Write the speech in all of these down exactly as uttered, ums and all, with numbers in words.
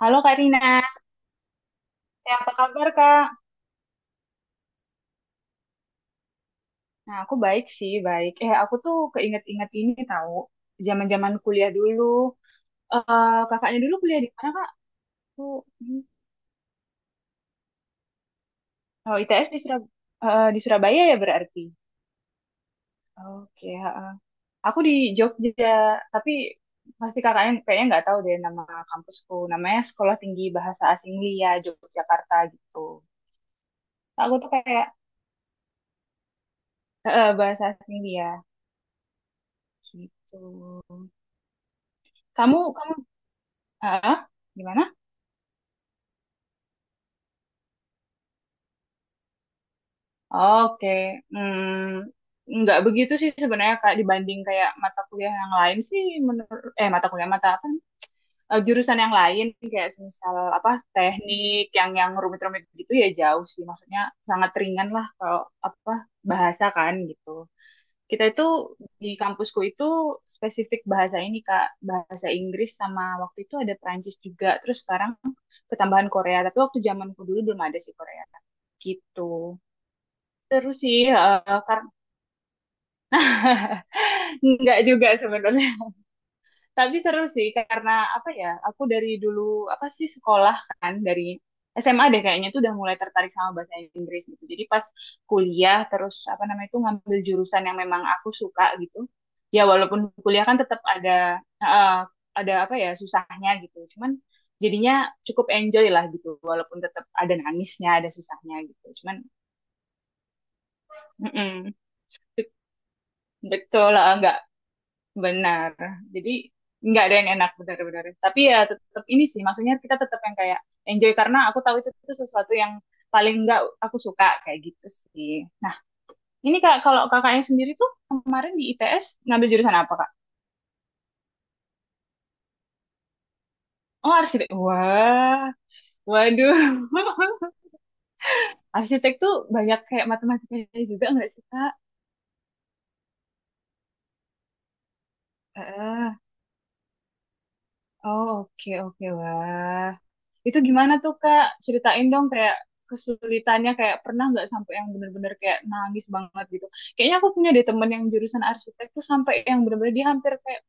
Halo Kak Rina, eh, apa kabar Kak? Nah, aku baik sih, baik. Eh, aku tuh keinget-inget ini tahu, zaman-zaman kuliah dulu. Eh, kakaknya dulu kuliah di mana Kak? Aku, hmm, oh, I T S di Surab eh, di Surabaya ya berarti. Oke, heeh. Aku di Jogja, tapi pasti kakaknya kayaknya nggak tahu deh nama kampusku. Namanya Sekolah Tinggi Bahasa Asing Lia Yogyakarta gitu. Aku tuh kayak eh, bahasa asing Lia gitu. Kamu, kamu, heeh, gimana? Oke, Hmm, nggak begitu sih sebenarnya Kak, dibanding kayak mata kuliah yang lain sih, menurut eh mata kuliah mata apa eh, jurusan yang lain, kayak misal apa, teknik yang yang rumit-rumit gitu ya, jauh sih maksudnya, sangat ringan lah kalau apa, bahasa kan gitu. Kita itu di kampusku itu spesifik bahasa ini Kak, bahasa Inggris sama waktu itu ada Perancis juga, terus sekarang ketambahan Korea, tapi waktu zamanku dulu belum ada sih Korea gitu. Seru sih, heeh, karena nggak juga sebenarnya. Tapi seru sih karena apa ya? Aku dari dulu apa sih sekolah, kan dari S M A deh kayaknya tuh udah mulai tertarik sama bahasa Inggris gitu. Jadi pas kuliah terus apa namanya itu ngambil jurusan yang memang aku suka gitu. Ya walaupun kuliah kan tetap ada eh, ada apa ya susahnya gitu. Cuman jadinya cukup enjoy lah gitu. Walaupun tetap ada nangisnya, ada susahnya gitu. Cuman. Mm-mm. bet- Betul, lah, nggak. Benar. Jadi nggak ada yang enak benar-benar. Tapi ya tetap ini sih, maksudnya kita tetap yang kayak enjoy karena aku tahu itu tuh sesuatu yang paling nggak aku suka kayak gitu sih. Nah, ini Kak, kalau kakaknya sendiri tuh kemarin di I T S ngambil jurusan apa Kak? Oh, arsitek. Wah, waduh. Arsitek tuh banyak kayak matematikanya juga nggak sih Kak? Oh, oke, oke, wah. Itu gimana tuh, Kak? Ceritain dong kayak kesulitannya, kayak pernah nggak sampai yang bener-bener kayak nangis banget gitu. Kayaknya aku punya deh temen yang jurusan arsitek tuh sampai yang bener-bener dia hampir kayak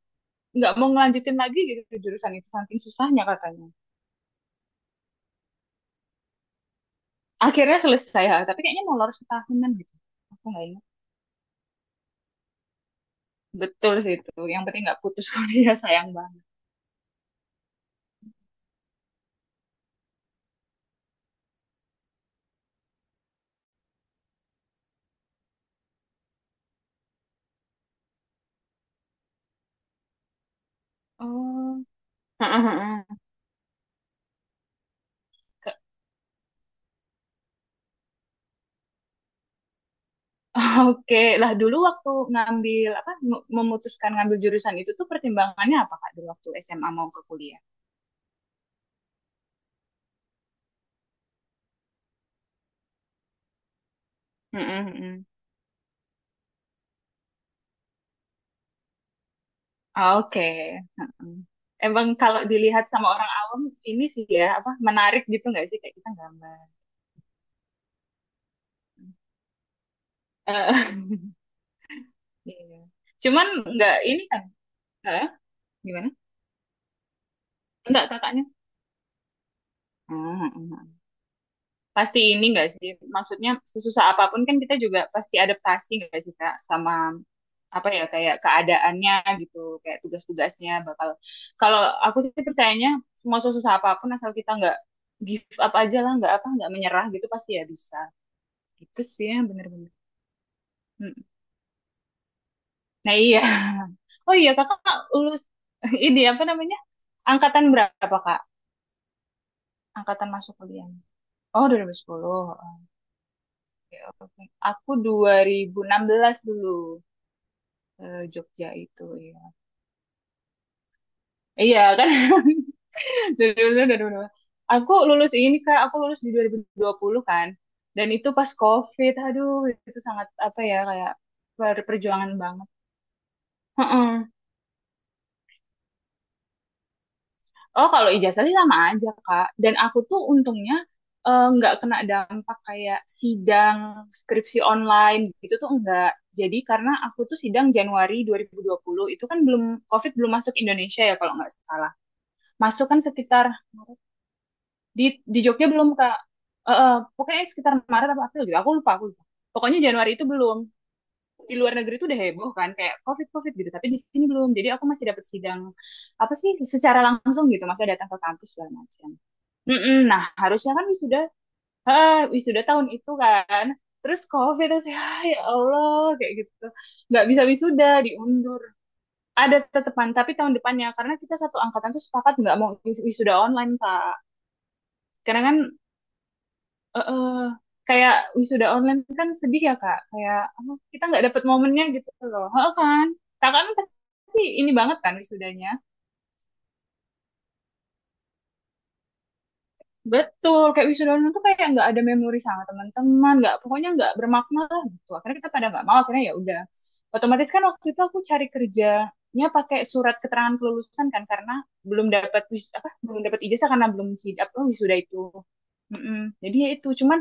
nggak mau ngelanjutin lagi gitu ke jurusan itu, saking susahnya katanya. Akhirnya selesai, ha, tapi kayaknya molor setahunan gitu. Aku nggak ingat. Betul sih itu. Yang penting nggak putus kuliah, sayang banget. Oh, Oke, lah dulu waktu ngambil apa, mu- memutuskan ngambil jurusan itu tuh pertimbangannya apa Kak, dulu waktu S M A mau ke kuliah? Mm-mm, mm-mm. Oke, heeh. Emang kalau dilihat sama orang awam ini sih ya apa, menarik gitu nggak sih kayak kita gambar. Eh, Iya. Cuman nggak ini kan, eh, gimana? Nggak kakaknya? Hmm, hmm, hmm. Pasti ini nggak sih? Maksudnya sesusah apapun kan kita juga pasti adaptasi nggak sih Kak, sama apa ya kayak keadaannya gitu, kayak tugas-tugasnya bakal, kalau aku sih percayanya semua susah apapun asal kita nggak give up aja lah, nggak apa, nggak menyerah gitu pasti ya bisa, itu sih yang bener-bener. Mm. Nah iya, oh iya kakak lulus. Ini apa namanya, angkatan berapa Kak, angkatan masuk kuliah? Oh, dua ribu sepuluh, oke, oke. Aku dua ribu enam belas dulu, eh, Jogja itu ya. Iya kan? Dari dulu, dari dulu. Aku lulus ini Kak, aku lulus di dua dua ribu dua puluh kan. Dan itu pas COVID, aduh itu sangat apa ya kayak per- perjuangan banget. Heeh. Oh kalau ijazah sih sama aja Kak. Dan aku tuh untungnya eh, nggak kena dampak kayak sidang skripsi online gitu tuh enggak. Jadi karena aku tuh sidang Januari dua dua ribu dua puluh, itu kan belum, COVID belum masuk Indonesia ya kalau nggak salah. Masuk kan sekitar. Di di Jogja belum Kak. Eh, eh, pokoknya sekitar Maret apa April gitu. Aku lupa, aku lupa. Pokoknya Januari itu belum. Di luar negeri itu udah heboh kan kayak COVID-COVID gitu, tapi di sini belum. Jadi aku masih dapat sidang apa sih secara langsung gitu, masih datang ke kampus segala macam. Mm-mm. Nah, harusnya kan wisuda, eh, wisuda tahun itu kan. Terus COVID terus ya, ya Allah kayak gitu. Nggak bisa wisuda, diundur. Ada tetepan, tapi tahun depannya karena kita satu angkatan tuh sepakat nggak mau wis- wisuda online, Kak. Karena kan eh, kayak wisuda online kan sedih ya Kak, kayak apa, kita nggak dapet momennya gitu loh. Heeh kan, kakak kan pasti ini banget kan wisudanya. Betul, kayak wisuda online tuh kayak nggak ada memori sama teman-teman, nggak, pokoknya nggak bermakna lah gitu. Akhirnya kita pada nggak mau, akhirnya ya udah. Otomatis kan waktu itu aku cari kerjanya pakai surat keterangan kelulusan kan karena belum dapat wis- apa, belum dapat ijazah karena belum sidap, oh, wisuda itu. Mm-mm. Jadi ya itu cuman,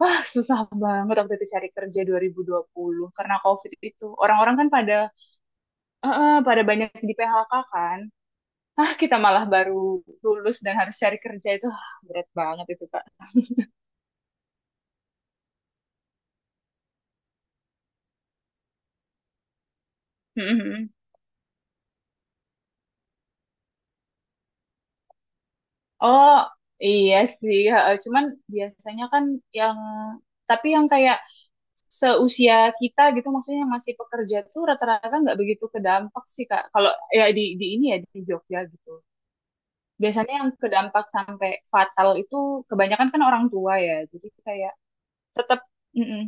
wah susah banget waktu itu cari kerja dua dua ribu dua puluh karena COVID itu. Orang-orang kan pada eh, eh, pada banyak di P H K kan. Ah, kita malah baru lulus dan harus cari kerja itu, ah berat banget itu, Kak. Mhm. Oh iya sih, heeh. Cuman biasanya kan yang, tapi yang kayak seusia kita gitu, maksudnya yang masih pekerja tuh rata-rata nggak begitu kedampak sih Kak. Kalau ya di di ini ya di Jogja gitu. Biasanya yang kedampak sampai fatal itu kebanyakan kan orang tua ya. Jadi kayak tetap, mm-mm,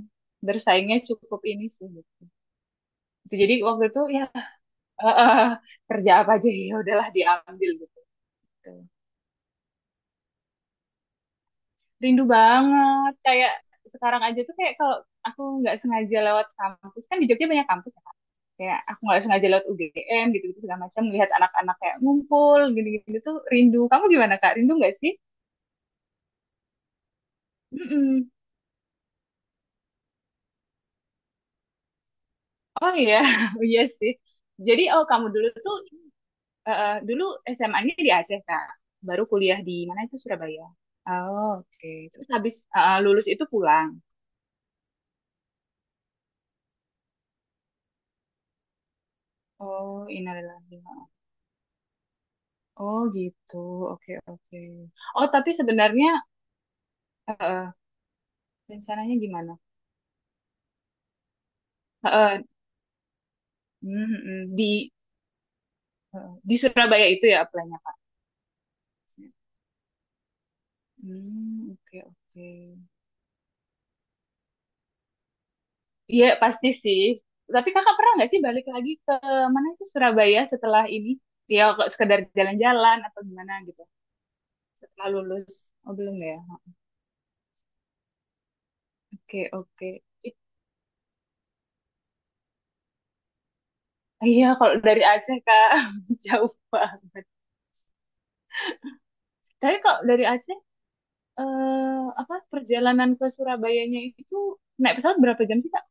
bersaingnya cukup ini sih, gitu. Jadi waktu itu ya eh, eh, kerja apa aja ya udahlah diambil gitu. Rindu banget, kayak sekarang aja tuh kayak kalau aku nggak sengaja lewat kampus kan di Jogja banyak kampus ya Kak. Kayak aku nggak sengaja lewat U G M gitu gitu segala macam, melihat anak-anak kayak ngumpul gitu-gitu tuh rindu, kamu gimana Kak, rindu nggak sih? Mm-mm. Oh iya, oh, iya sih. Jadi oh, kamu dulu tuh eh, dulu S M A-nya di Aceh Kak, baru kuliah di mana itu, Surabaya. Oh, oke, terus habis eh, lulus itu pulang. Oh, innalillahi. Oh gitu, oke, oke. Oh tapi sebenarnya eh, eh, rencananya gimana? Eh, eh, mm, mm, di eh, di Surabaya itu ya apply-nya Kak? Hmm, oke, oke. Iya pasti sih. Tapi kakak pernah nggak sih balik lagi ke mana sih Surabaya setelah ini? Ya kok, sekedar jalan-jalan atau gimana gitu. Setelah lulus. Oh belum ya. Oke, oke. Iya kalau dari Aceh Kak, jauh banget. Tapi kok dari Aceh eh, apa, perjalanan ke Surabayanya itu naik pesawat berapa jam sih Kak?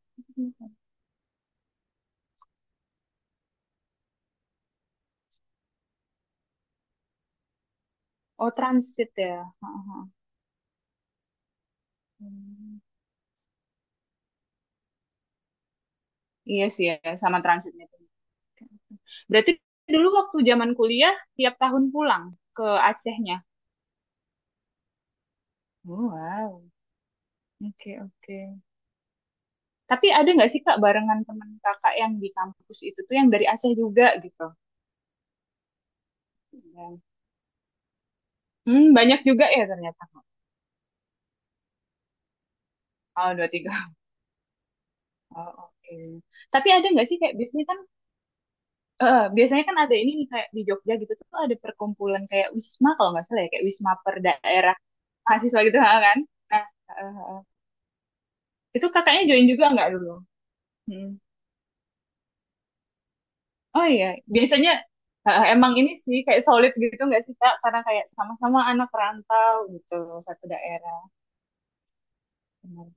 Oh, transit ya. Heeh. Hmm. Iya sih ya, sama transitnya. Berarti dulu waktu zaman kuliah tiap tahun pulang ke Acehnya. Oh, wow. Oke, oke. Tapi ada nggak sih Kak, barengan teman kakak yang di kampus itu tuh yang dari Aceh juga gitu? Yang- Hmm, banyak juga ya ternyata. Oh, dua tiga. Oh, oke. Tapi ada nggak sih kayak bisnis kan, eh, biasanya kan ada ini nih, kayak di Jogja gitu tuh ada perkumpulan kayak wisma kalau nggak salah, ya kayak wisma per daerah mahasiswa gitu, ha, kan. Nah, eh, eh, itu kakaknya join juga nggak dulu? Hmm. Oh iya, biasanya eh, emang ini sih kayak solid gitu nggak sih Kak? Karena kayak sama-sama anak rantau gitu, satu daerah. Benar.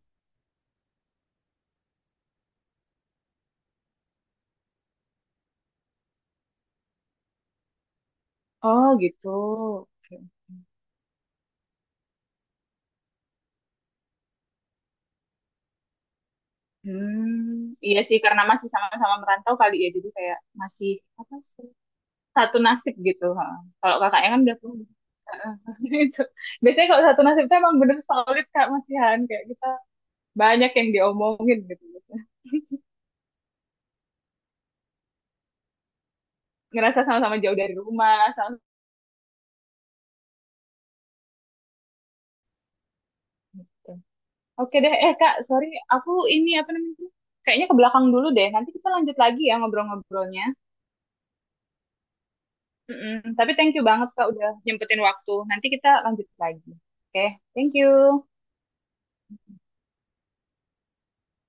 Oh gitu. Oke. Hmm, iya sih, karena masih sama-sama merantau kali ya, jadi kayak masih apa sih, satu nasib gitu, ha. Kalau kakaknya kan udah punya. Heeh, itu. Biasanya kalau satu nasib itu emang bener solid Kak Masihan. Kayak kita banyak yang diomongin gitu. Ngerasa sama-sama jauh dari rumah. Sama. Oke deh, eh Kak, sorry. Aku ini apa namanya? Kayaknya ke belakang dulu deh. Nanti kita lanjut lagi ya ngobrol-ngobrolnya. Mm-mm. Tapi thank you banget Kak udah nyempetin waktu. Nanti kita lanjut lagi. Oke, thank you.